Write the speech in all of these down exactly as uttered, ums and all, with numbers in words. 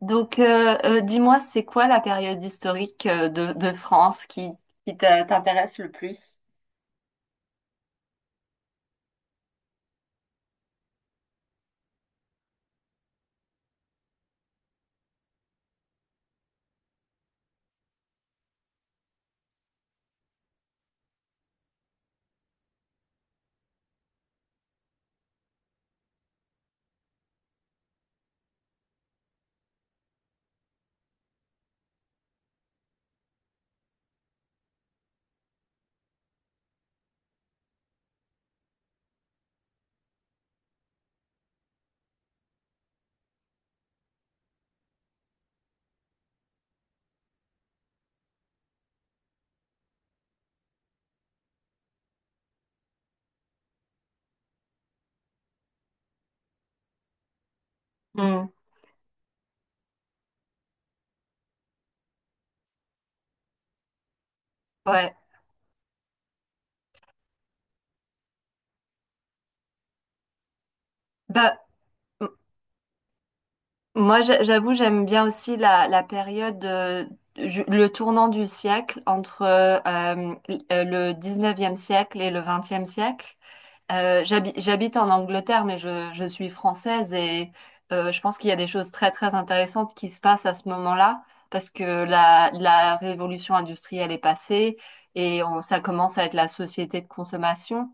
Donc, euh, euh, dis-moi, c'est quoi la période historique euh, de, de France qui, qui t'a- t'intéresse le plus? Hmm. Ouais. Bah, m- moi, j'a- j'avoue, j'aime bien aussi la, la période, euh, ju- le tournant du siècle entre euh, euh, le dix-neuvième siècle et le vingtième siècle. Euh, j'habi- j'habite en Angleterre, mais je, je suis française et euh, je pense qu'il y a des choses très très intéressantes qui se passent à ce moment-là parce que la, la révolution industrielle est passée et on- ça commence à être la société de consommation.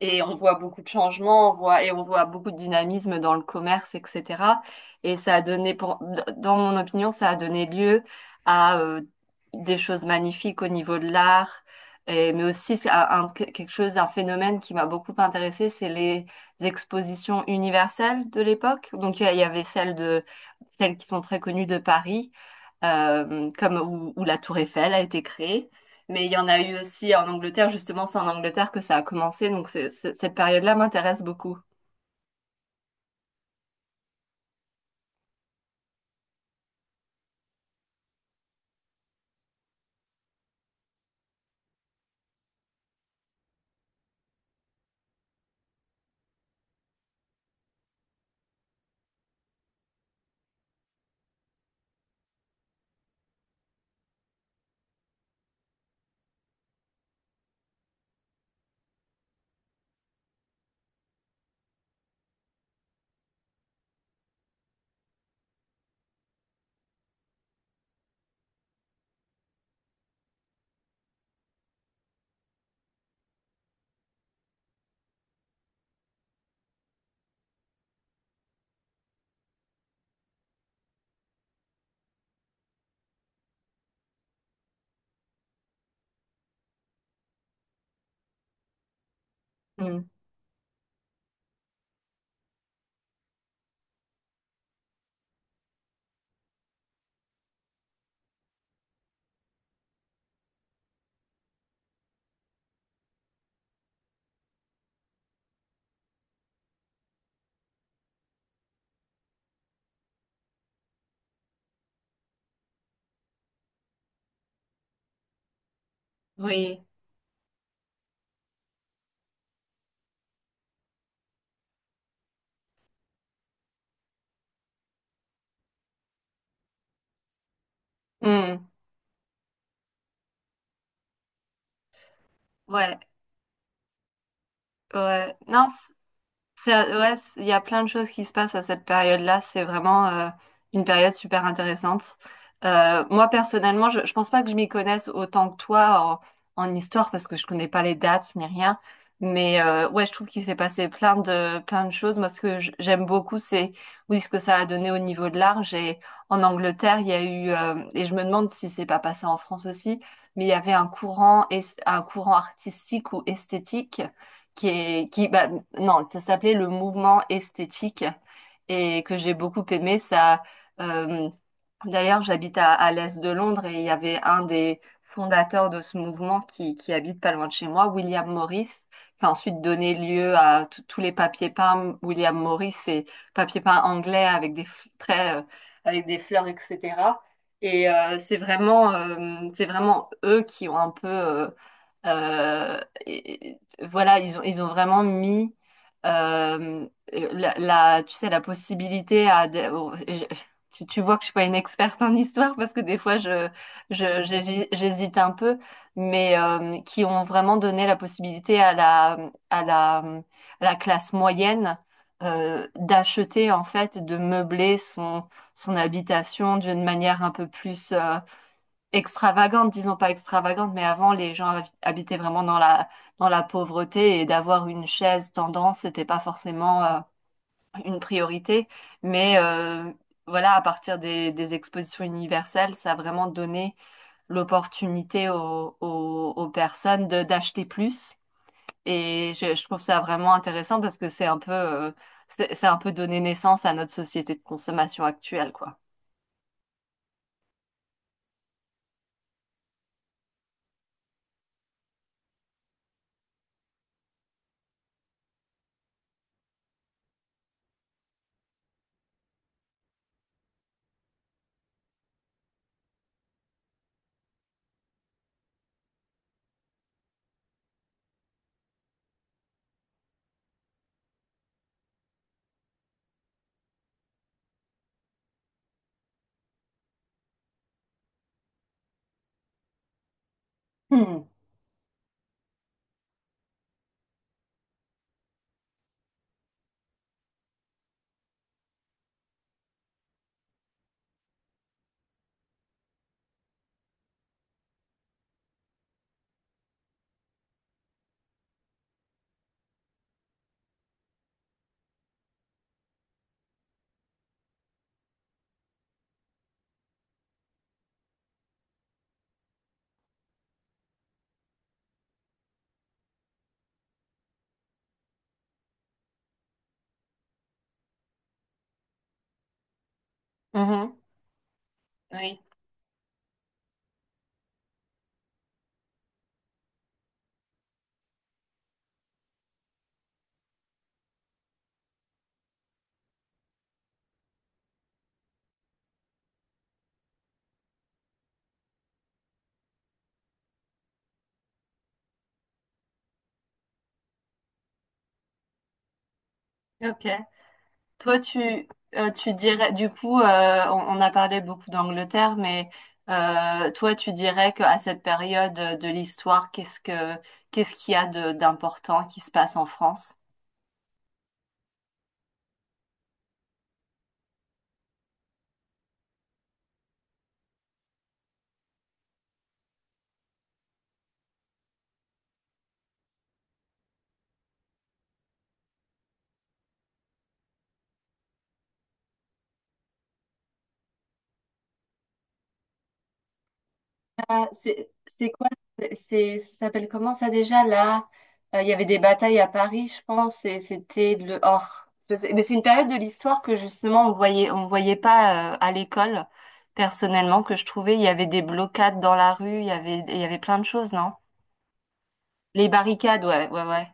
Et on voit beaucoup de changements, on voit, et on voit beaucoup de dynamisme dans le commerce, et cetera. Et ça a donné, pour- dans mon opinion, ça a donné lieu à euh, des choses magnifiques au niveau de l'art, et- mais aussi c'est un, un- quelque chose, un phénomène qui m'a beaucoup intéressée, c'est les expositions universelles de l'époque. Donc il y a- il y avait celles de, celles qui sont très connues de Paris, euh, comme où, où la Tour Eiffel a été créée. Mais il y en a eu aussi en Angleterre, justement, c'est en Angleterre que ça a commencé, donc c'est- c'est- cette période-là m'intéresse beaucoup. Mm. Oui. Mm. Ouais, ouais. Non, ça, ouais, c- il y a plein de choses qui se passent à cette période-là. C'est vraiment euh, une période super intéressante. Euh, moi, personnellement, je, je pense pas que je m'y connaisse autant que toi en, en histoire parce que je connais pas les dates ni rien. Mais euh, ouais, je trouve qu'il s'est passé plein de plein de choses. Moi, ce que j- j'aime beaucoup, c'est oui, ce que ça a donné au niveau de l'art. J'ai en Angleterre, il y a eu euh, et je me demande si c'est pas passé en France aussi, mais il y avait un courant es- un courant artistique ou esthétique qui est, qui, bah, non, ça s'appelait le mouvement esthétique et que j'ai beaucoup aimé. Ça, euh, D'ailleurs, j'habite à, à l'est de Londres et il y avait un des fondateurs de ce mouvement qui, qui habite pas loin de chez moi, William Morris, qui a ensuite donné lieu à tout- tous les papiers peints. William Morris, c'est papier peint anglais avec des f- traits, euh, avec des fleurs, et cetera. Et euh, c'est vraiment, euh, c'est vraiment eux qui ont un peu, euh, euh, et- et- voilà, ils ont, ils ont vraiment mis euh, la, la- tu sais, la possibilité à, des- tu, Tu vois que je suis pas une experte en histoire parce que des fois je, je- j'hési- j'hésite un peu, mais euh, qui ont vraiment donné la possibilité à la, à la, à la classe moyenne euh, d'acheter en fait, de meubler son, son habitation d'une manière un peu plus euh, extravagante, disons pas extravagante, mais avant les gens havi- habitaient vraiment dans la, dans la pauvreté et d'avoir une chaise tendance, c'était pas forcément euh, une priorité, mais euh, voilà, à partir des, des expositions universelles, ça a vraiment donné l'opportunité aux, aux, aux personnes de d'acheter plus. Et je, je trouve ça vraiment intéressant parce que c'est un peu, euh, c'est c'est un peu donné naissance à notre société de consommation actuelle, quoi. Hmm. Mhm. Oui, ok. Toi, tu, euh, Tu dirais, du coup, euh, on, on a parlé beaucoup d'Angleterre, mais euh, toi, tu dirais qu'à cette période de l'histoire, qu'est-ce que, qu'est-ce qu'il y a de, d'important qui se passe en France? Ah, c'est c'est quoi? C'est, ça s'appelle comment ça déjà là? Euh, Il y avait des batailles à Paris, je pense, et c'était le or. Je sais- Mais c'est une période de l'histoire que justement on voyait, on voyait pas euh, à l'école. Personnellement, que je trouvais, il y avait des blocades dans la rue, il y avait, il y avait plein de choses, non? Les barricades, ouais, ouais, ouais.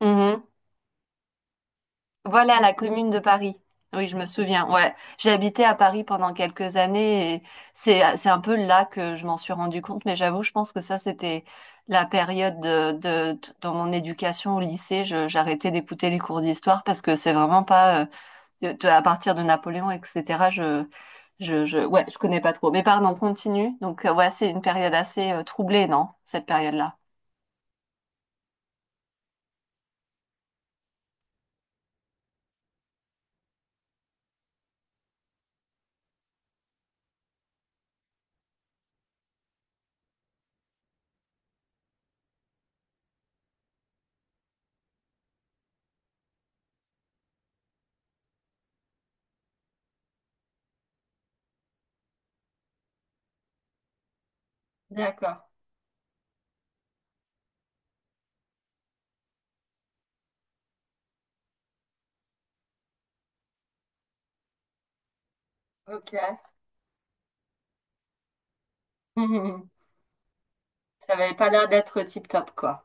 Mhm. Voilà, la Commune de Paris. Oui, je me souviens. Ouais, j'ai habité à Paris pendant quelques années et c'est c'est un peu là que je m'en suis rendu compte. Mais j'avoue, je pense que ça, c'était la période de, de, de- dans mon éducation au lycée. Je, j'arrêtais d'écouter les cours d'histoire parce que c'est vraiment pas euh, de- de- à partir de Napoléon, et cetera. Je je je Ouais, je connais pas trop. Mais pardon, continue. Donc euh, ouais, c'est une période assez euh, troublée, non? Cette période-là. D'accord, ok. Ça n'avait pas l'air d'être tip-top, quoi.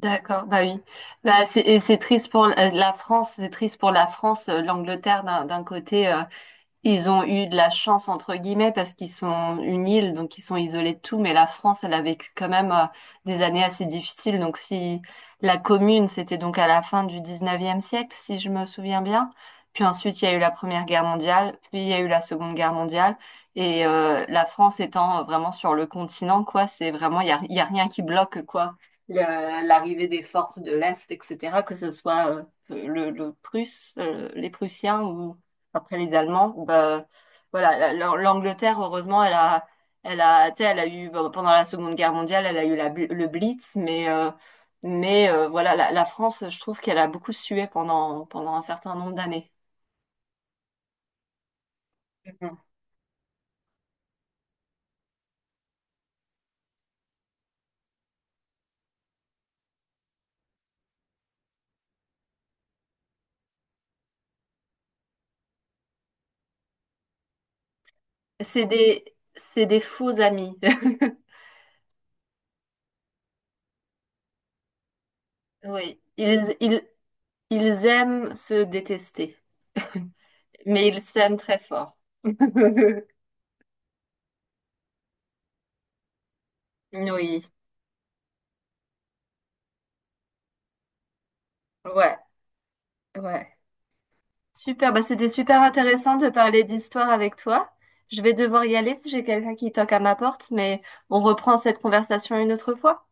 D'accord, bah oui. Bah, c'est, et c'est triste pour la la France, c'est triste pour la France, euh, l'Angleterre d'un d'un côté. euh, Ils ont eu de la chance entre guillemets parce qu'ils sont une île, donc ils sont isolés de tout, mais la France, elle a vécu quand même euh, des années assez difficiles. Donc si la commune, c'était donc à la fin du dix-neuvième siècle, si je me souviens bien, puis ensuite il y a eu la Première Guerre mondiale, puis il y a eu la Seconde Guerre mondiale, et euh, la France étant vraiment sur le continent, quoi, c'est vraiment, il y a, il y a rien qui bloque, quoi, Le- l'arrivée des forces de l'Est, et cetera, que ce soit euh, le, le Prusse, euh, les Prussiens après les Allemands, bah, voilà, la- la- l'Angleterre, heureusement, elle a, elle a, tu sais, elle a eu bah, pendant la Seconde Guerre mondiale, elle a eu la, bl- le Blitz, mais, euh, mais euh, voilà, la, la France, je trouve qu'elle a beaucoup sué pendant pendant un certain nombre d'années. Mhm. C'est des, c'est des faux amis. Oui, ils, ils, ils aiment se détester, mais ils s'aiment très fort. Oui, ouais, ouais. Super, bah c'était super intéressant de parler d'histoire avec toi. Je vais devoir y aller parce que j'ai quelqu'un qui toque à ma porte, mais on reprend cette conversation une autre fois.